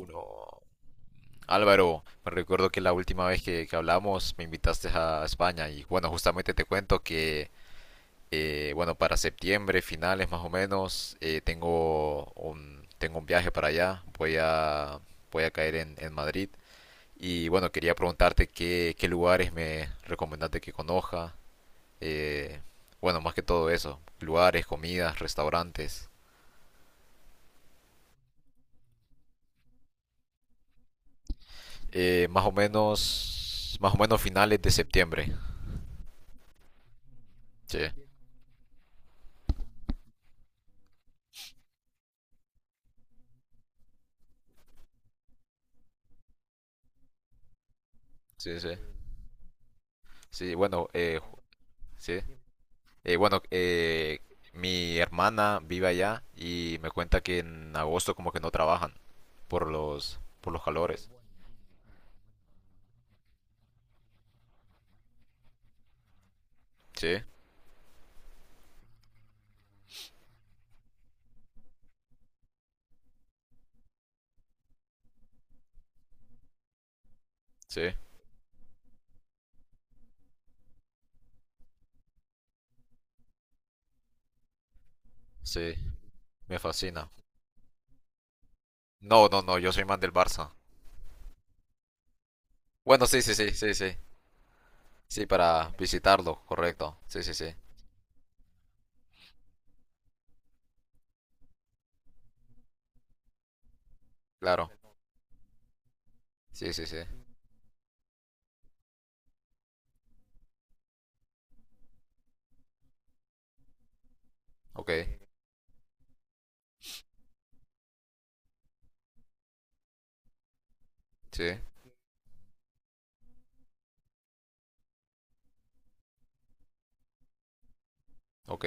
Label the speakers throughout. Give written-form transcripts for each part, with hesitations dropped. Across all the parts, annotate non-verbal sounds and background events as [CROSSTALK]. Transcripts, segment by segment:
Speaker 1: Uno. Álvaro, me recuerdo que la última vez que hablamos me invitaste a España y bueno, justamente te cuento que, bueno, para septiembre, finales más o menos, tengo un viaje para allá, voy a, voy a caer en Madrid y bueno, quería preguntarte qué lugares me recomendaste que conozca, eh, bueno, más que todo eso, lugares, comidas, restaurantes, más o menos finales de septiembre. Sí, sí, sí. Sí, bueno, sí. Bueno, mi hermana vive allá y me cuenta que en agosto como que no trabajan por los calores. Sí, sí, sí, me fascina. No, no, no, yo soy más del Barça. Bueno, sí, sí, sí, sí, sí. Sí, para visitarlo, correcto. Sí, sí, sí, claro. Sí, sí, sí. Ok, sí, ok.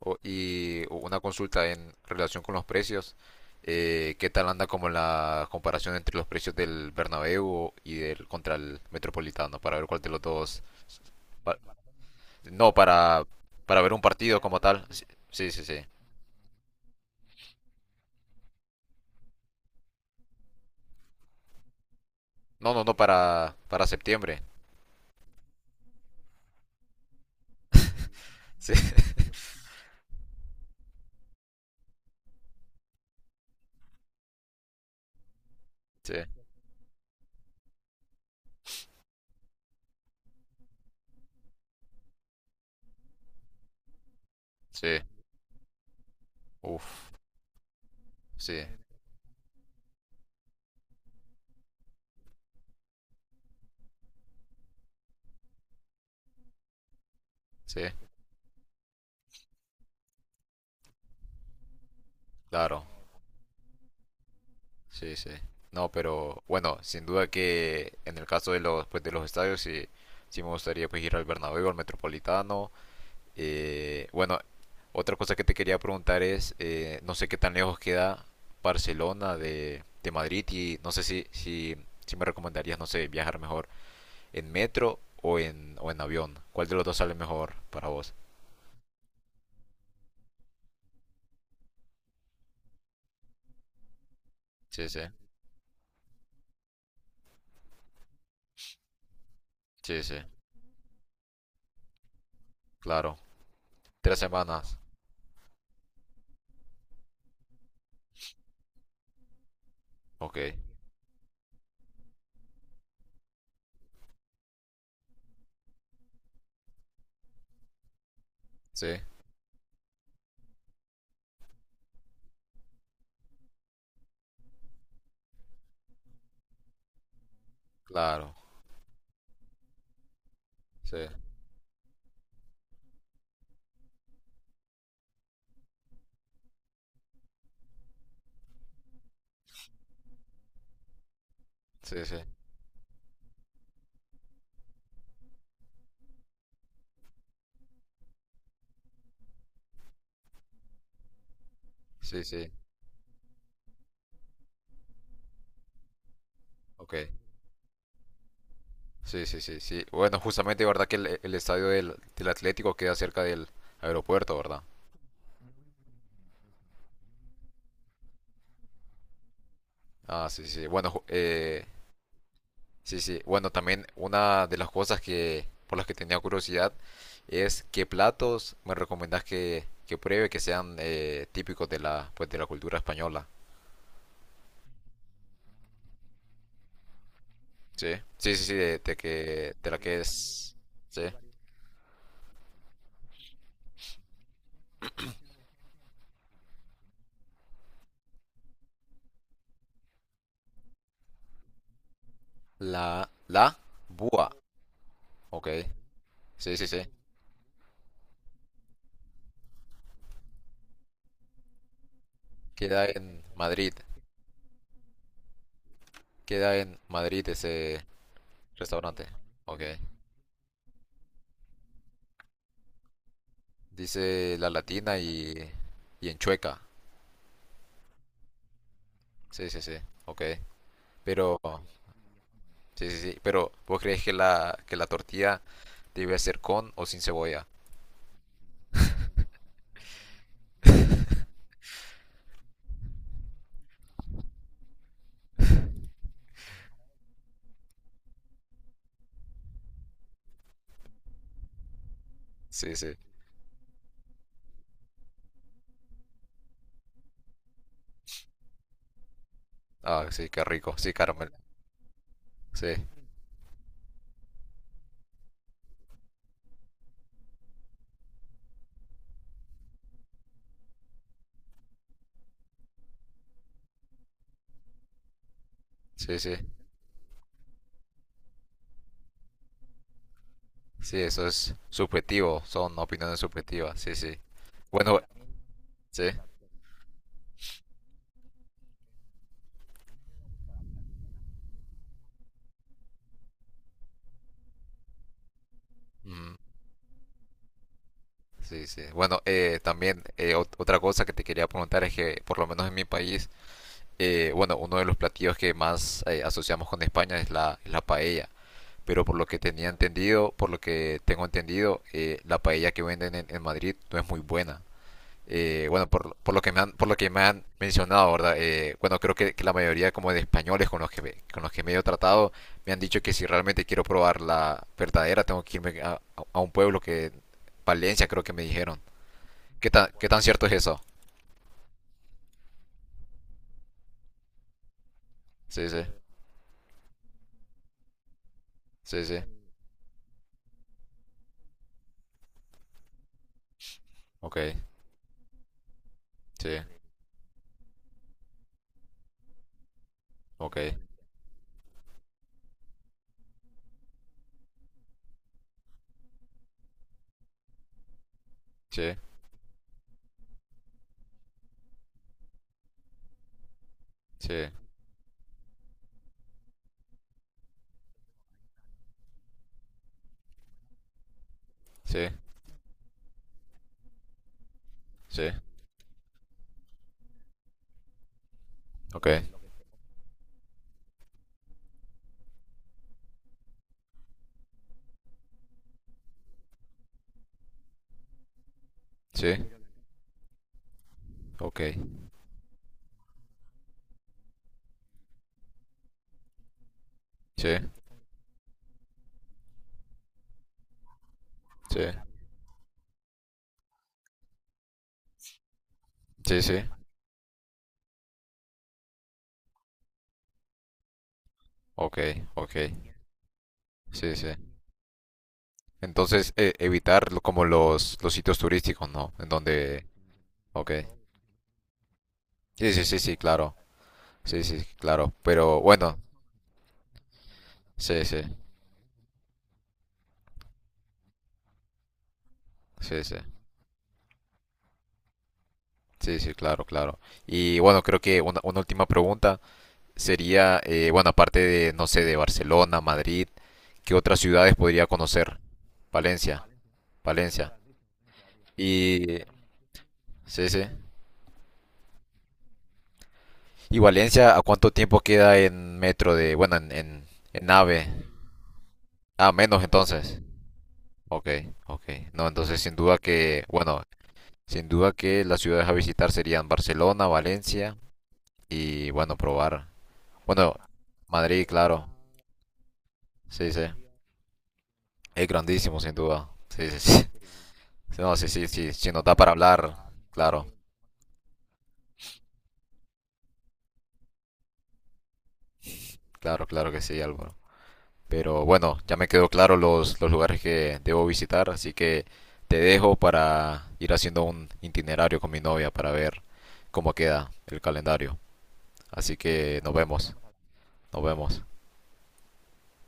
Speaker 1: Y una consulta en relación con los precios. ¿Qué tal anda como la comparación entre los precios del Bernabéu y del contra el Metropolitano? Para ver cuál de los dos... pa- no, para ver un partido como tal. Sí, sí, sí. Sí. No, no, no, para septiembre. Sí, [LAUGHS] sí, sí. Uf, sí, sí, claro. Sí, sí. No, pero bueno, sin duda que en el caso de los, pues, de los estadios, sí, sí me gustaría pues ir al Bernabéu, al Metropolitano. Bueno, otra cosa que te quería preguntar es, no sé qué tan lejos queda Barcelona de Madrid y no sé si me recomendarías, no sé, viajar mejor en metro o en avión. ¿Cuál de los dos sale mejor para vos? Sí, sí, sí, sí, claro. Tres semanas, ok. Sí, claro, sí, sí, sí, sí, sí, ok. Sí, sí, sí, sí. Bueno, justamente, ¿verdad que el estadio del Atlético queda cerca del aeropuerto, ¿verdad? Ah, sí, sí. Sí. Bueno, sí, sí. Bueno, también una de las cosas que por las que tenía curiosidad es qué platos me recomendás que pruebe que sean típicos de la pues de la cultura española. Sí, sí, sí, sí, de que de la que es, sí, la la búa, ok. Sí, sí, sí. Queda en Madrid. Queda en Madrid ese restaurante. Ok. Dice la Latina y en Chueca. Sí, sí, sí. Ok. Pero sí, sí, sí. Pero ¿vos crees que que la tortilla debe ser con o sin cebolla? Sí, sí. Ah, sí, qué rico. Sí, caramelo. Sí, sí, sí. Sí, eso es subjetivo. Son opiniones subjetivas. Sí, sí. Bueno, sí. Ujú. Sí, sí. Bueno, también otra cosa que te quería preguntar es que, por lo menos en mi país, bueno, uno de los platillos que más asociamos con España es la paella. Pero por lo que tenía entendido, por lo que tengo entendido, la paella que venden en Madrid no es muy buena. Bueno, por lo que me han, por lo que me han mencionado, ¿verdad? Bueno, creo que la mayoría como de españoles con los que con los que me he tratado me han dicho que si realmente quiero probar la verdadera tengo que irme a un pueblo que Valencia creo que me dijeron. Qué tan cierto es eso? Sí, sí, sí, sí. Ok, sí, ok, sí, sí, sí, sí, ok, sí, ok, sí, sí, sí. Sí, sí. Ok, ok. Sí, sí. Entonces, evitar como los sitios turísticos, ¿no? En donde... Ok. Sí, sí, sí, sí, claro. Sí, sí, sí, claro. Pero bueno, sí, sí, sí, sí. Sí, sí, claro, claro. Y bueno, creo que una última pregunta sería, bueno, aparte de, no sé, de Barcelona, Madrid, ¿qué otras ciudades podría conocer? Valencia, Valencia. Y... Sí, sí. ¿Y Valencia a cuánto tiempo queda en metro de, bueno, en AVE? Ah, menos entonces. Ok, ok. No, entonces sin duda que, bueno, sin duda que las ciudades a visitar serían Barcelona, Valencia y, bueno, probar. Bueno, Madrid, claro. Sí, sí. Es grandísimo, sin duda. Sí, sí, sí. [LAUGHS] No, sí, sí, sí. Si nos da para hablar, claro, claro, claro que sí, Álvaro. Pero bueno, ya me quedó claro los lugares que debo visitar, así que te dejo para ir haciendo un itinerario con mi novia para ver cómo queda el calendario. Así que nos vemos, nos vemos.